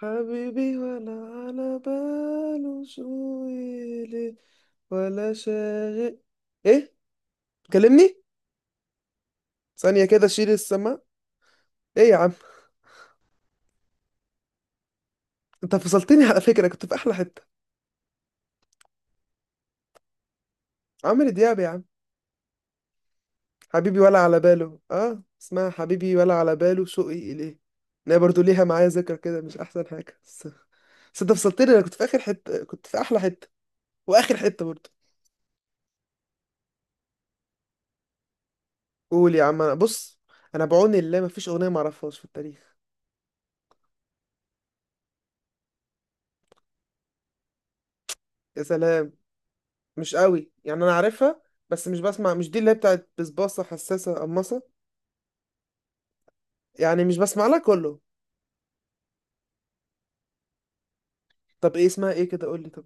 حبيبي ولا على باله شو. يلي. ولا شاغل. ايه. كلمني. ثانية كده شيل السماء. ايه يا عم. انت فصلتني على فكرة، كنت في احلى حتة. عمرو دياب يا عم. حبيبي ولا على باله، اسمها حبيبي ولا على باله شوقي اليه. انا برضو ليها معايا ذكرى كده، مش احسن حاجة بس. بس انت فصلتني، انا كنت في اخر حتة، كنت في احلى حتة. واخر حتة برضو. قول يا عم، انا بص. انا بعون الله مفيش اغنية معرفهاش في التاريخ. يا سلام. مش قوي يعني، انا عارفها. بس مش دي اللي هي بتاعت بسباصة حساسة قماصة. يعني مش بسمع لها كله. طب ايه اسمها، ايه كده قول لي طب.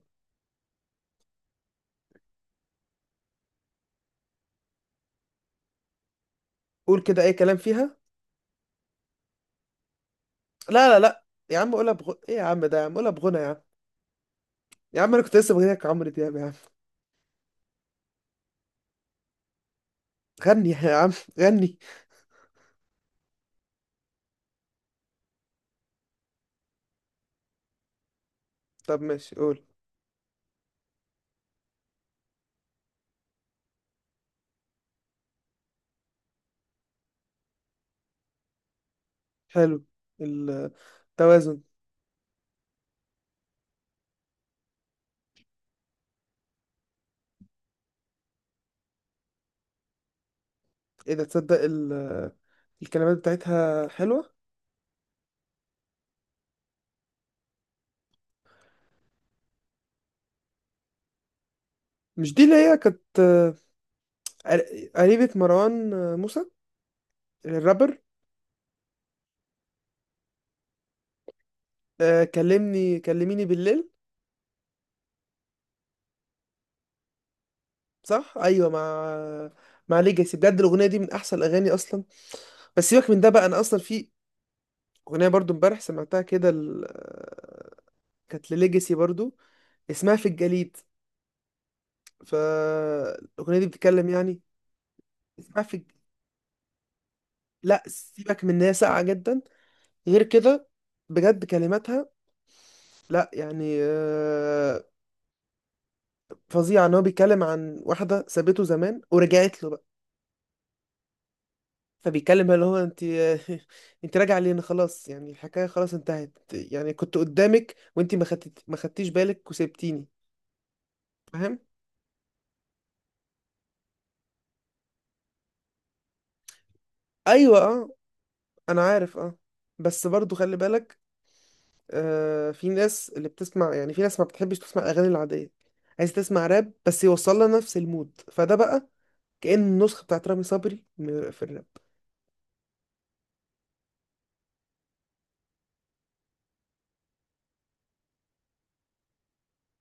قول كده اي كلام فيها. لا لا لا. يا عم قولها ايه يا عم، ده يا عم قولها بغنى يا عم. يا عم انا كنت لسه بغنيك عمرو دياب يا عم. غني يا عم. غني. طب ماشي قول. حلو. التوازن. ايه ده، تصدق الكلمات بتاعتها حلوة. مش دي اللي هي كانت، قريبة مروان موسى، الرابر. كلميني بالليل. صح، ايوه، مع ليجاسي. بجد الاغنيه دي من احسن الاغاني اصلا. بس سيبك من ده بقى، انا اصلا في اغنيه برضو امبارح سمعتها كده، كانت لليجاسي برضو. اسمها في الجليد. فالاغنيه دي بتتكلم يعني. اسمها في الج... لا سيبك من ان هي ساقعه جدا. غير كده، بجد كلماتها. لا يعني فظيعه. ان هو بيتكلم عن واحده سابته زمان ورجعت له. فبيتكلم اللي هو انت. انت راجع لين خلاص يعني، الحكايه خلاص انتهت، يعني كنت قدامك وانت ما خدتيش بالك وسبتيني. فاهم. ايوه اه. انا عارف اه. بس برضو خلي بالك. في ناس اللي بتسمع، يعني في ناس ما بتحبش تسمع الاغاني العاديه. عايز تسمع راب بس يوصل لها نفس المود، فده بقى كأن النسخه بتاعت رامي صبري في الراب.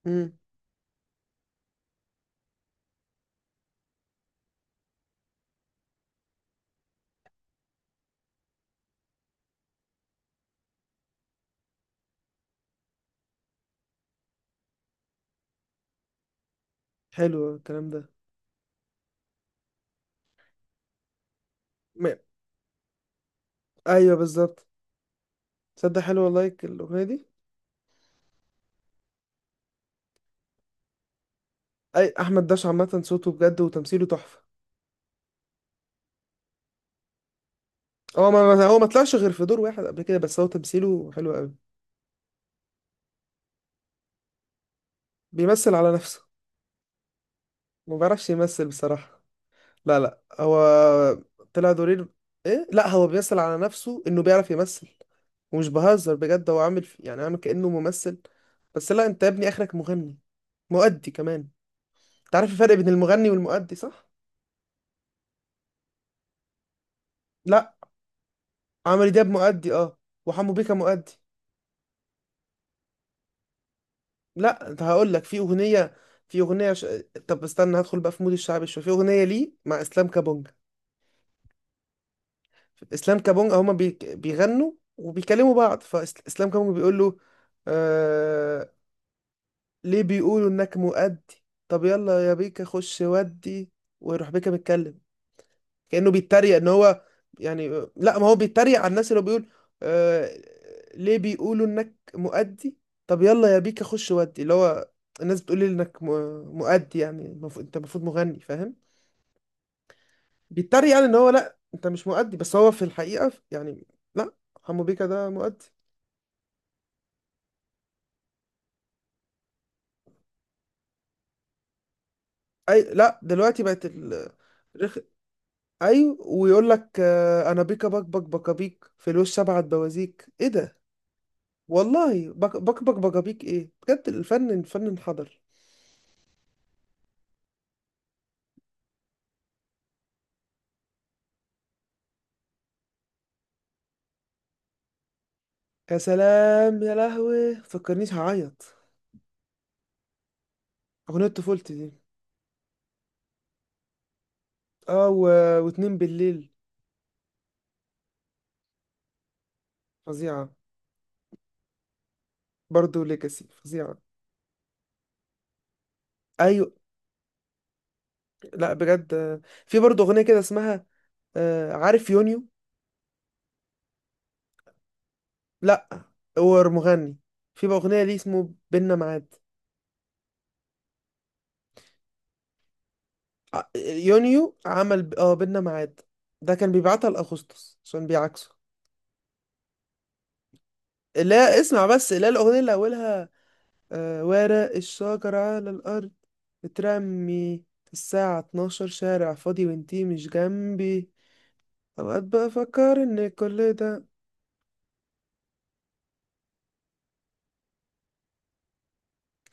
امم. حلو الكلام ده. م- ايوه بالظبط. تصدق حلو والله الاغنيه دي. اي، احمد داش عامه صوته بجد وتمثيله تحفه. هو ما طلعش غير في دور واحد قبل كده، بس هو تمثيله حلو قوي. بيمثل على نفسه. ما بيعرفش يمثل بصراحة. لا لا هو طلع دورين. ايه لا، هو بيمثل على نفسه انه بيعرف يمثل. ومش بهزر بجد، هو عامل كأنه ممثل. بس لا، انت يا ابني اخرك مغني. مؤدي كمان. انت عارف الفرق بين المغني والمؤدي صح؟ لا، عمرو دياب مؤدي اه. وحمو بيكا مؤدي. لا انت هقول لك في اغنيه، في اغنيه ش... طب استنى هدخل بقى في مود الشعبي شويه. في اغنيه ليه مع اسلام كابونج. اسلام كابونجا بيغنوا وبيكلموا بعض، فاسلام كابونجا بيقول له، آه... ليه بيقولوا انك مؤدي؟ طب يلا يا بيكا خش ودي. ويروح بيكا متكلم كأنه بيتريق، ان هو يعني. لا، ما هو بيتريق على الناس، اللي هو بيقول، آه... ليه بيقولوا انك مؤدي؟ طب يلا يا بيكا خش ودي. اللي هو الناس بتقول لي انك مؤدي، يعني انت المفروض مغني، فاهم؟ بيتريق يعني ان هو، لا انت مش مؤدي، بس هو في الحقيقة يعني. لا، حمو بيكا ده مؤدي. اي لا، رخ... ايوه، ويقول لك انا بيكا بك بك بكابيك في الوش سبعة بوازيك. ايه ده؟ والله بك بك بك بكابيك. ايه بجد، الفن الفن انحدر. يا سلام، يا لهوي فكرنيش هعيط. اغنية طفولتي دي. اه واتنين بالليل. فظيعة. برضو ليجاسي فظيعة. ايوه. لا بجد، في برضو اغنية كده اسمها، عارف يونيو. لا هو مغني. في بقى اغنية ليه اسمه بينا معاد. يونيو عمل بينا ميعاد. ده كان بيبعتها لاغسطس عشان بيعكسه. لا اسمع بس، لا الاغنيه اللي اولها، ورق الشجر على الارض بترمي، الساعه 12 شارع فاضي وانتي مش جنبي. اوقات بفكر ان كل ده،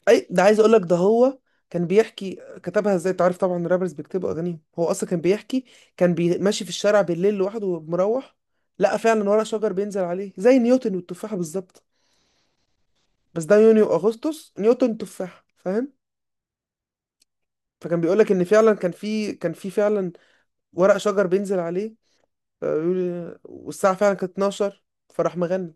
اي ده عايز اقولك ده هو كان بيحكي. كتبها ازاي، تعرف طبعا الرابرز بيكتبوا اغانيهم، هو اصلا كان بيحكي. ماشي في الشارع بالليل لوحده ومروح، لقى فعلا ورق شجر بينزل عليه زي نيوتن والتفاحه بالظبط. بس ده يونيو واغسطس، نيوتن تفاح، فاهم؟ فكان بيقول لك ان فعلا كان في فعلا ورق شجر بينزل عليه. والساعه فعلا كانت 12. فراح مغني.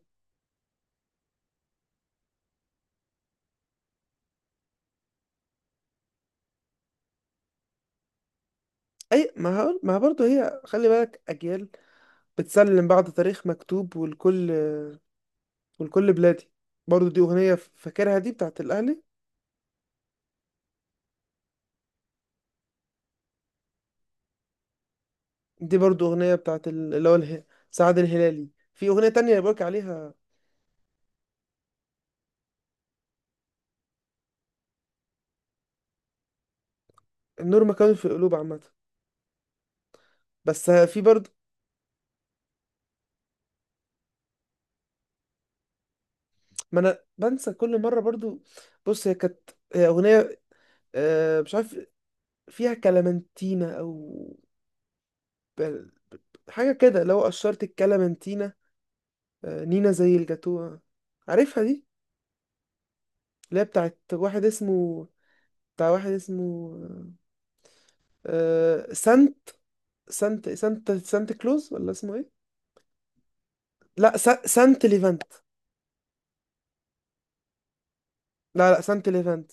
اي ما هقول، ما برضه هي خلي بالك، اجيال بتسلم بعض، تاريخ مكتوب. والكل بلادي، برضه دي اغنيه فاكرها، دي بتاعت الاهلي. دي برضه اغنيه بتاعت اللي هو سعد الهلالي. في اغنيه تانية بيقولك عليها، النور مكان في القلوب عامه. بس في برضه، ما انا بنسى كل مره برضو. بص، هي اغنيه مش عارف، فيها كلامنتينا او بل- حاجه كده، لو قشرت الكلامنتينا، نينا زي الجاتوه. عارفها دي؟ اللي هي بتاعت واحد اسمه، بتاع واحد اسمه سانت، سانت كلوز، ولا اسمه ايه؟ لا سانت ليفانت. لا لا سانت ليفانت.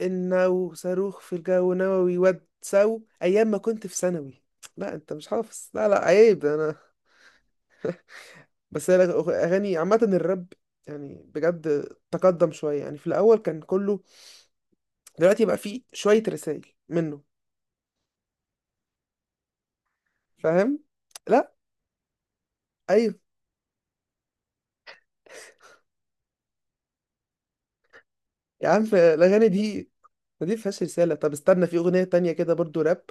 النو صاروخ في الجو نووي ود سو ايام ما كنت في ثانوي. لا انت مش حافظ، لا لا عيب انا. بس هي اغاني عامه الراب يعني بجد تقدم شويه، يعني في الاول كان كله. دلوقتي بقى فيه شويه رسائل منه. فاهم. لا. ايوه. يا عم الاغاني دي، ما دي فيهاش رساله. طب استنى، في اغنيه تانية كده برضو راب،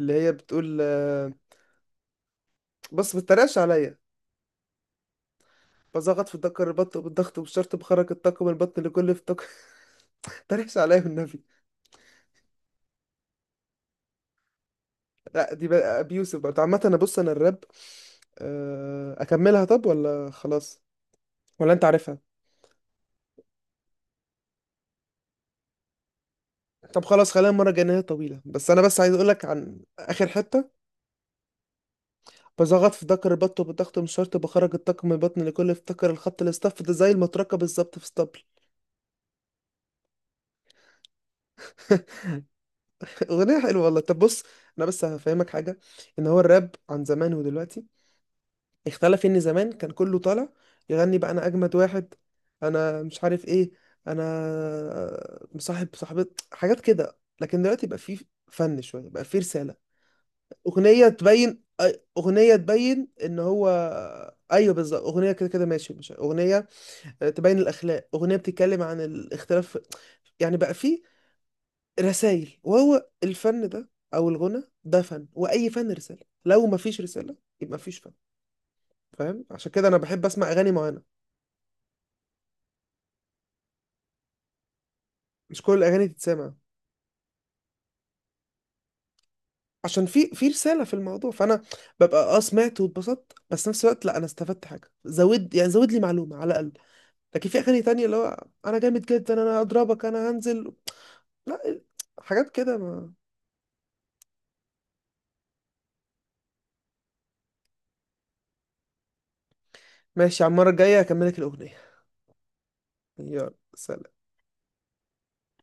اللي هي بتقول بص، ما تتريقش عليا، بزغط في الدكر البط بالضغط والشرط بخرج الطاقم البطن لكل في طاقم. تريقش عليا والنبي. لا دي بقى ابي يوسف برضه عامة. انا بص، انا الراب اكملها طب ولا خلاص؟ ولا انت عارفها؟ طب خلاص خلينا المرة الجاية، إن هي طويلة. بس انا بس عايز اقولك عن اخر حتة. بزغط في ذكر البط بالضغط من شرط بخرج الطاقم من البطن لكل افتكر الخط الاصطف ده زي المطرقة بالظبط في اسطبل. اغنية حلوة والله. طب بص، انا بس هفهمك حاجة، ان هو الراب عن زمان ودلوقتي اختلف، ان زمان كان كله طالع يغني بقى انا اجمد واحد، انا مش عارف ايه، انا مصاحب صاحبة، حاجات كده. لكن دلوقتي بقى فيه فن شوية، بقى فيه رسالة. اغنية تبين ان هو، ايوه بالظبط. اغنية كده كده ماشي، مش اغنية تبين الاخلاق، اغنية بتتكلم عن الاختلاف. يعني بقى فيه رسائل. وهو الفن ده او الغنى ده فن، واي فن رسالة، لو مفيش رسالة يبقى مفيش فن. فاهم، عشان كده انا بحب اسمع اغاني معينة. مش كل الاغاني تتسمع. عشان في رساله في الموضوع. فانا ببقى سمعت واتبسطت، بس نفس الوقت لا، انا استفدت حاجه زود، يعني زود لي معلومه على الاقل. لكن في اغاني تانية اللي هو، انا جامد جدا، انا اضربك، انا هنزل، لا حاجات كده ما. ماشي، على المره الجايه اكملك الاغنيه. يلا سلام.